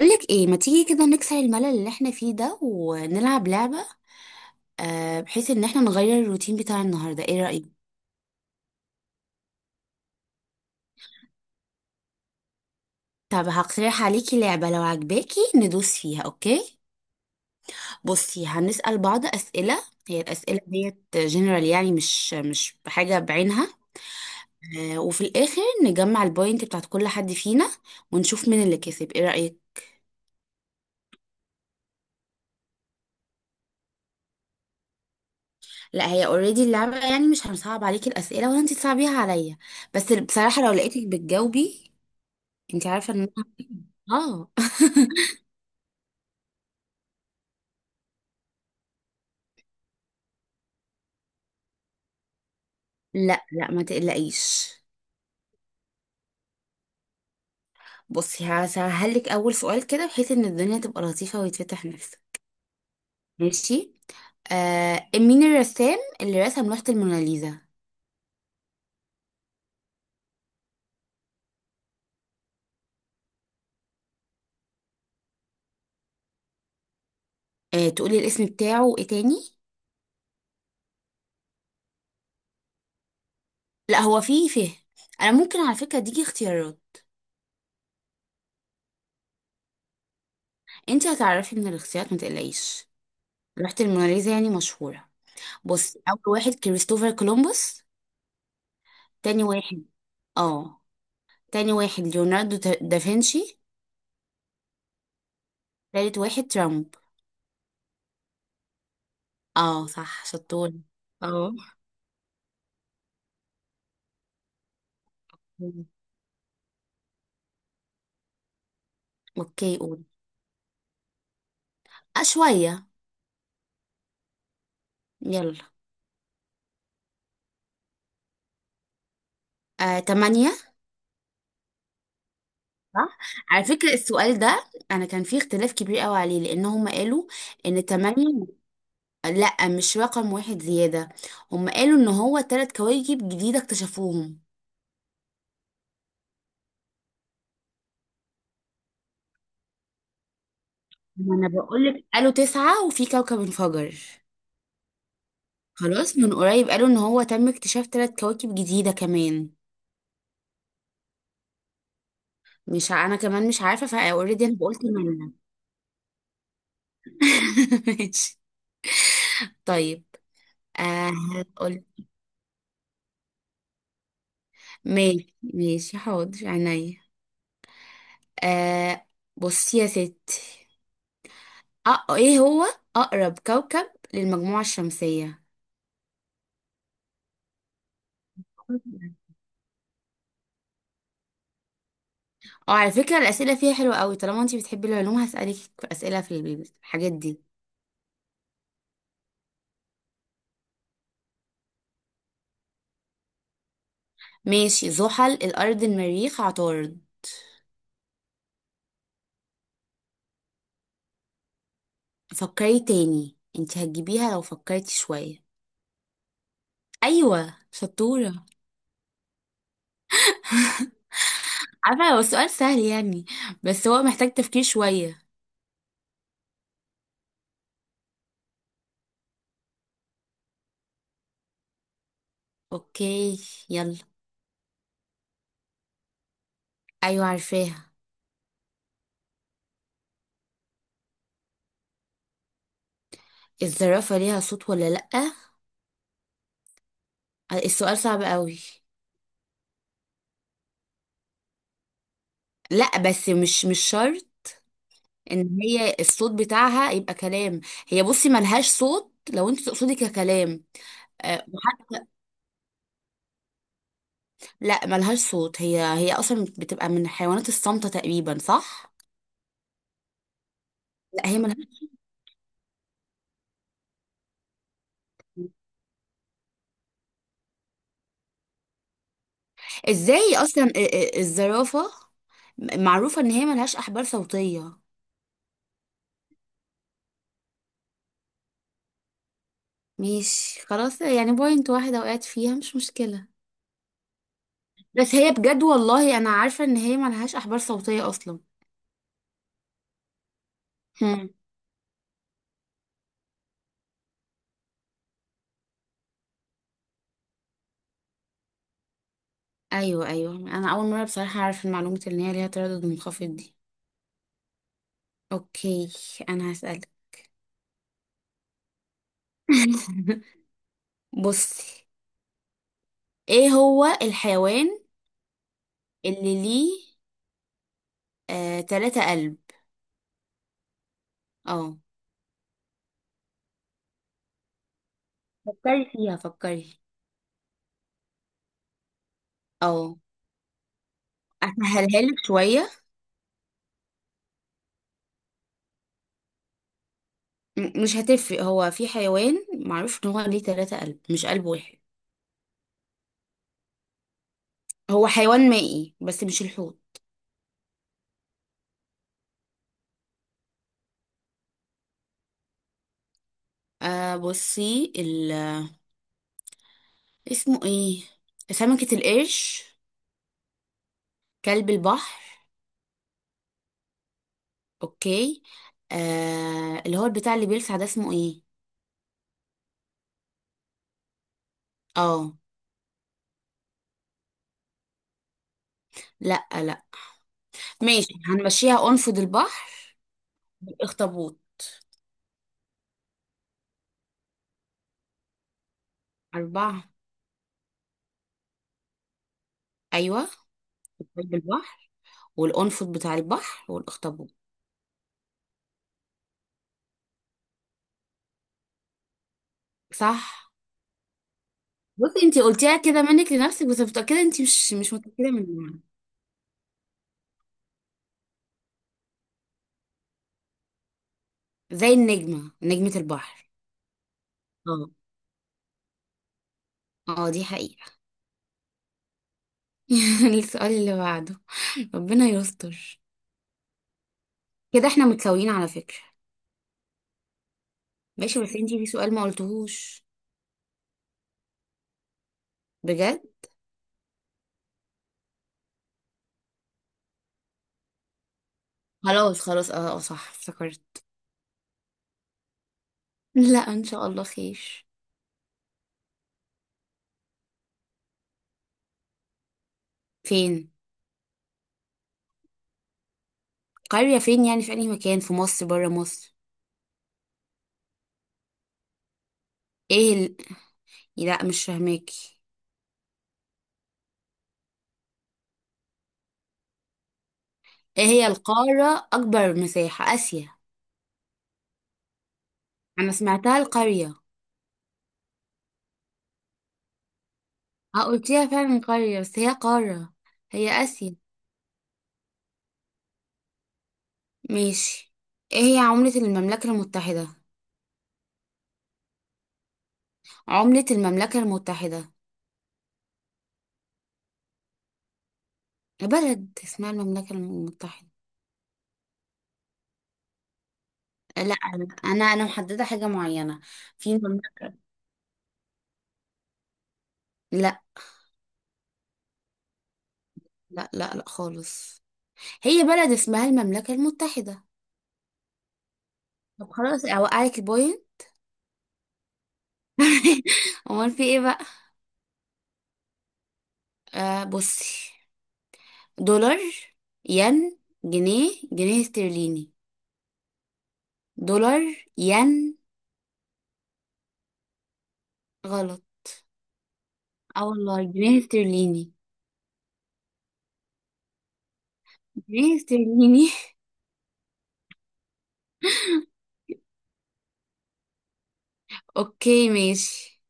بقولك ايه ما تيجي كده نكسر الملل اللي احنا فيه ده ونلعب لعبة، بحيث ان احنا نغير الروتين بتاع النهاردة. ايه رأيك؟ طب هقترح عليكي لعبة لو عجباكي ندوس فيها، اوكي؟ بصي هنسأل بعض أسئلة. هي الأسئلة ديت جنرال، يعني مش بحاجة بعينها. وفي الآخر نجمع البوينت بتاعت كل حد فينا ونشوف مين اللي كسب. ايه رأيك؟ لا هي اوريدي اللعبة، يعني مش هنصعب عليكي الأسئلة ولا انتي تصعبيها عليا. بس بصراحة لو لقيتك بتجاوبي، انت عارفه ان اه. لا لا، ما تقلقيش. بصي هسهل لك اول سؤال كده، بحيث ان الدنيا تبقى لطيفه ويتفتح نفسك. ماشي. مين الرسام اللي رسم لوحه الموناليزا؟ آه، تقولي الاسم بتاعه وايه تاني. لا هو في فهم، انا ممكن على فكره اديكي اختيارات. انت هتعرفي من الاختيارات، ما تقلقيش. لوحه الموناليزا يعني مشهوره. بصي، اول واحد كريستوفر كولومبوس. تاني واحد اه تاني واحد ليوناردو دافنشي. تالت واحد ترامب. اه، صح، شطور. اه. مم. اوكي قول. آه، شوية. يلا. آه، 8. صح. على فكرة السؤال ده أنا كان فيه اختلاف كبير قوي عليه، لأن هم قالوا إن 8. لأ، مش رقم واحد زيادة، هم قالوا إن هو 3 كواكب جديدة اكتشفوهم. ما أنا بقولك قالوا 9 وفي كوكب انفجر. خلاص، من قريب قالوا إن هو تم اكتشاف 3 كواكب جديدة كمان. مش ع- أنا كمان مش عارفة، فأوريدي أنا بقول 8. ماشي. طيب. آه هقول. ماشي ماشي، حاضر عينيا. آه بصي يا ستي. ايه هو اقرب كوكب للمجموعة الشمسية؟ اه، على فكرة الأسئلة فيها حلوة قوي، طالما انتي بتحبي العلوم هسألك في أسئلة في الحاجات دي. ماشي، زحل، الأرض، المريخ، عطارد. فكري تاني، انتي هتجيبيها لو فكرتي شوية. أيوة، شطورة. عارفة هو السؤال سهل يعني، بس هو محتاج تفكير شوية. اوكي. يلا. أيوة، عارفاها. الزرافة ليها صوت ولا لأ؟ السؤال صعب قوي. لأ، بس مش شرط ان هي الصوت بتاعها يبقى كلام. هي بصي ملهاش صوت لو انت تقصدي ككلام. وحتى لا، ملهاش صوت. هي اصلا بتبقى من الحيوانات الصامتة تقريبا، صح؟ لا هي ملهاش صوت. ازاي اصلا الزرافة معروفة ان هي ملهاش احبال صوتية. مش خلاص يعني، بوينت واحدة وقعت فيها، مش مشكلة. بس هي بجد والله انا عارفة ان هي ملهاش احبال صوتية اصلا. هم. ايوه، ايوه، انا اول مره بصراحه اعرف المعلومه ان هي ليها تردد منخفض دي. اوكي. انا هسألك. بصي، ايه هو الحيوان اللي ليه 3 قلب؟ اه، فكري فيها، فكري. اه، اسهلها لك شويه. مش هتفرق، هو في حيوان معروف ان هو ليه 3 قلب مش قلب واحد. هو حيوان مائي بس مش الحوت. بصي ال، اسمه ايه؟ سمكة القرش؟ كلب البحر؟ اوكي. اللي هو بتاع اللي بيلسع ده اسمه ايه؟ اه. لا لا. ماشي، هنمشيها انفض البحر بالاخطبوط. 4. ايوه. قلب البحر والانفض بتاع البحر والاخطبوط. صح. بصي، انتي قلتيها كده منك لنفسك، بس متأكدة انتي مش متأكدة منها. زي النجمة، نجمة البحر. اه، اه، دي حقيقة. السؤال اللي بعده، ربنا يستر. كده احنا متساويين، على فكرة. ماشي، بس انتي في سؤال ما قلتهوش. بجد. خلاص، خلاص، اه، صح افتكرت. لا، ان شاء الله خير. فين؟ قرية فين يعني، في اي مكان في مصر برا مصر؟ ايه لا، مش فاهماكي. ايه هي القارة اكبر مساحة؟ اسيا. انا سمعتها القرية. اه، قلتيها فعلا قرية، بس هي قارة. هي اسيا. ماشي. ايه هي عملة المملكة المتحدة؟ عملة المملكة المتحدة. بلد اسمها المملكة المتحدة. لا، انا انا أنا محددة حاجة معينة. في مملكة. لا لا لا لا، خالص. هي بلد اسمها المملكة المتحدة. طب خلاص، اوقعك البوينت. امال في ايه بقى؟ بصي، دولار، ين، جنيه استرليني. دولار. ين. غلط. اه والله، جنيه استرليني. جنيه استرليني. اوكي ماشي.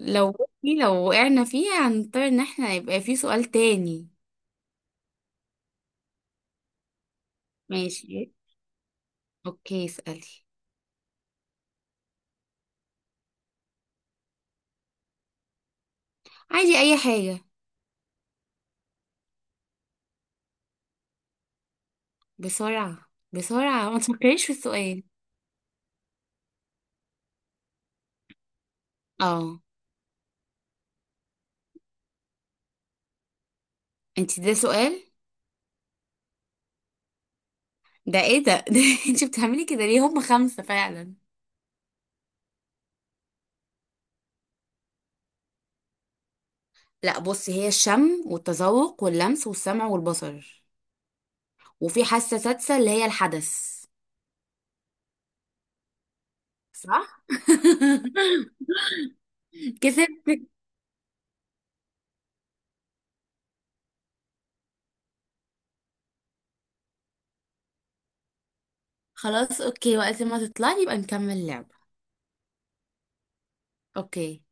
بصي، لو وقعنا فيها هنضطر ان احنا يبقى في سؤال تاني. ماشي. اوكي، اسألي. عادي، اي حاجة. بسرعة بسرعة، ما تفكريش في السؤال. اه. انت ده سؤال؟ ده ايه ده, ده انت بتعملي كده ليه؟ هم خمسة فعلا. لا بصي، هي الشم والتذوق واللمس والسمع والبصر، وفي حاسة سادسة اللي هي الحدث. صح. كسبت. خلاص اوكي، وقت ما تطلعي يبقى نكمل لعب. اوكي.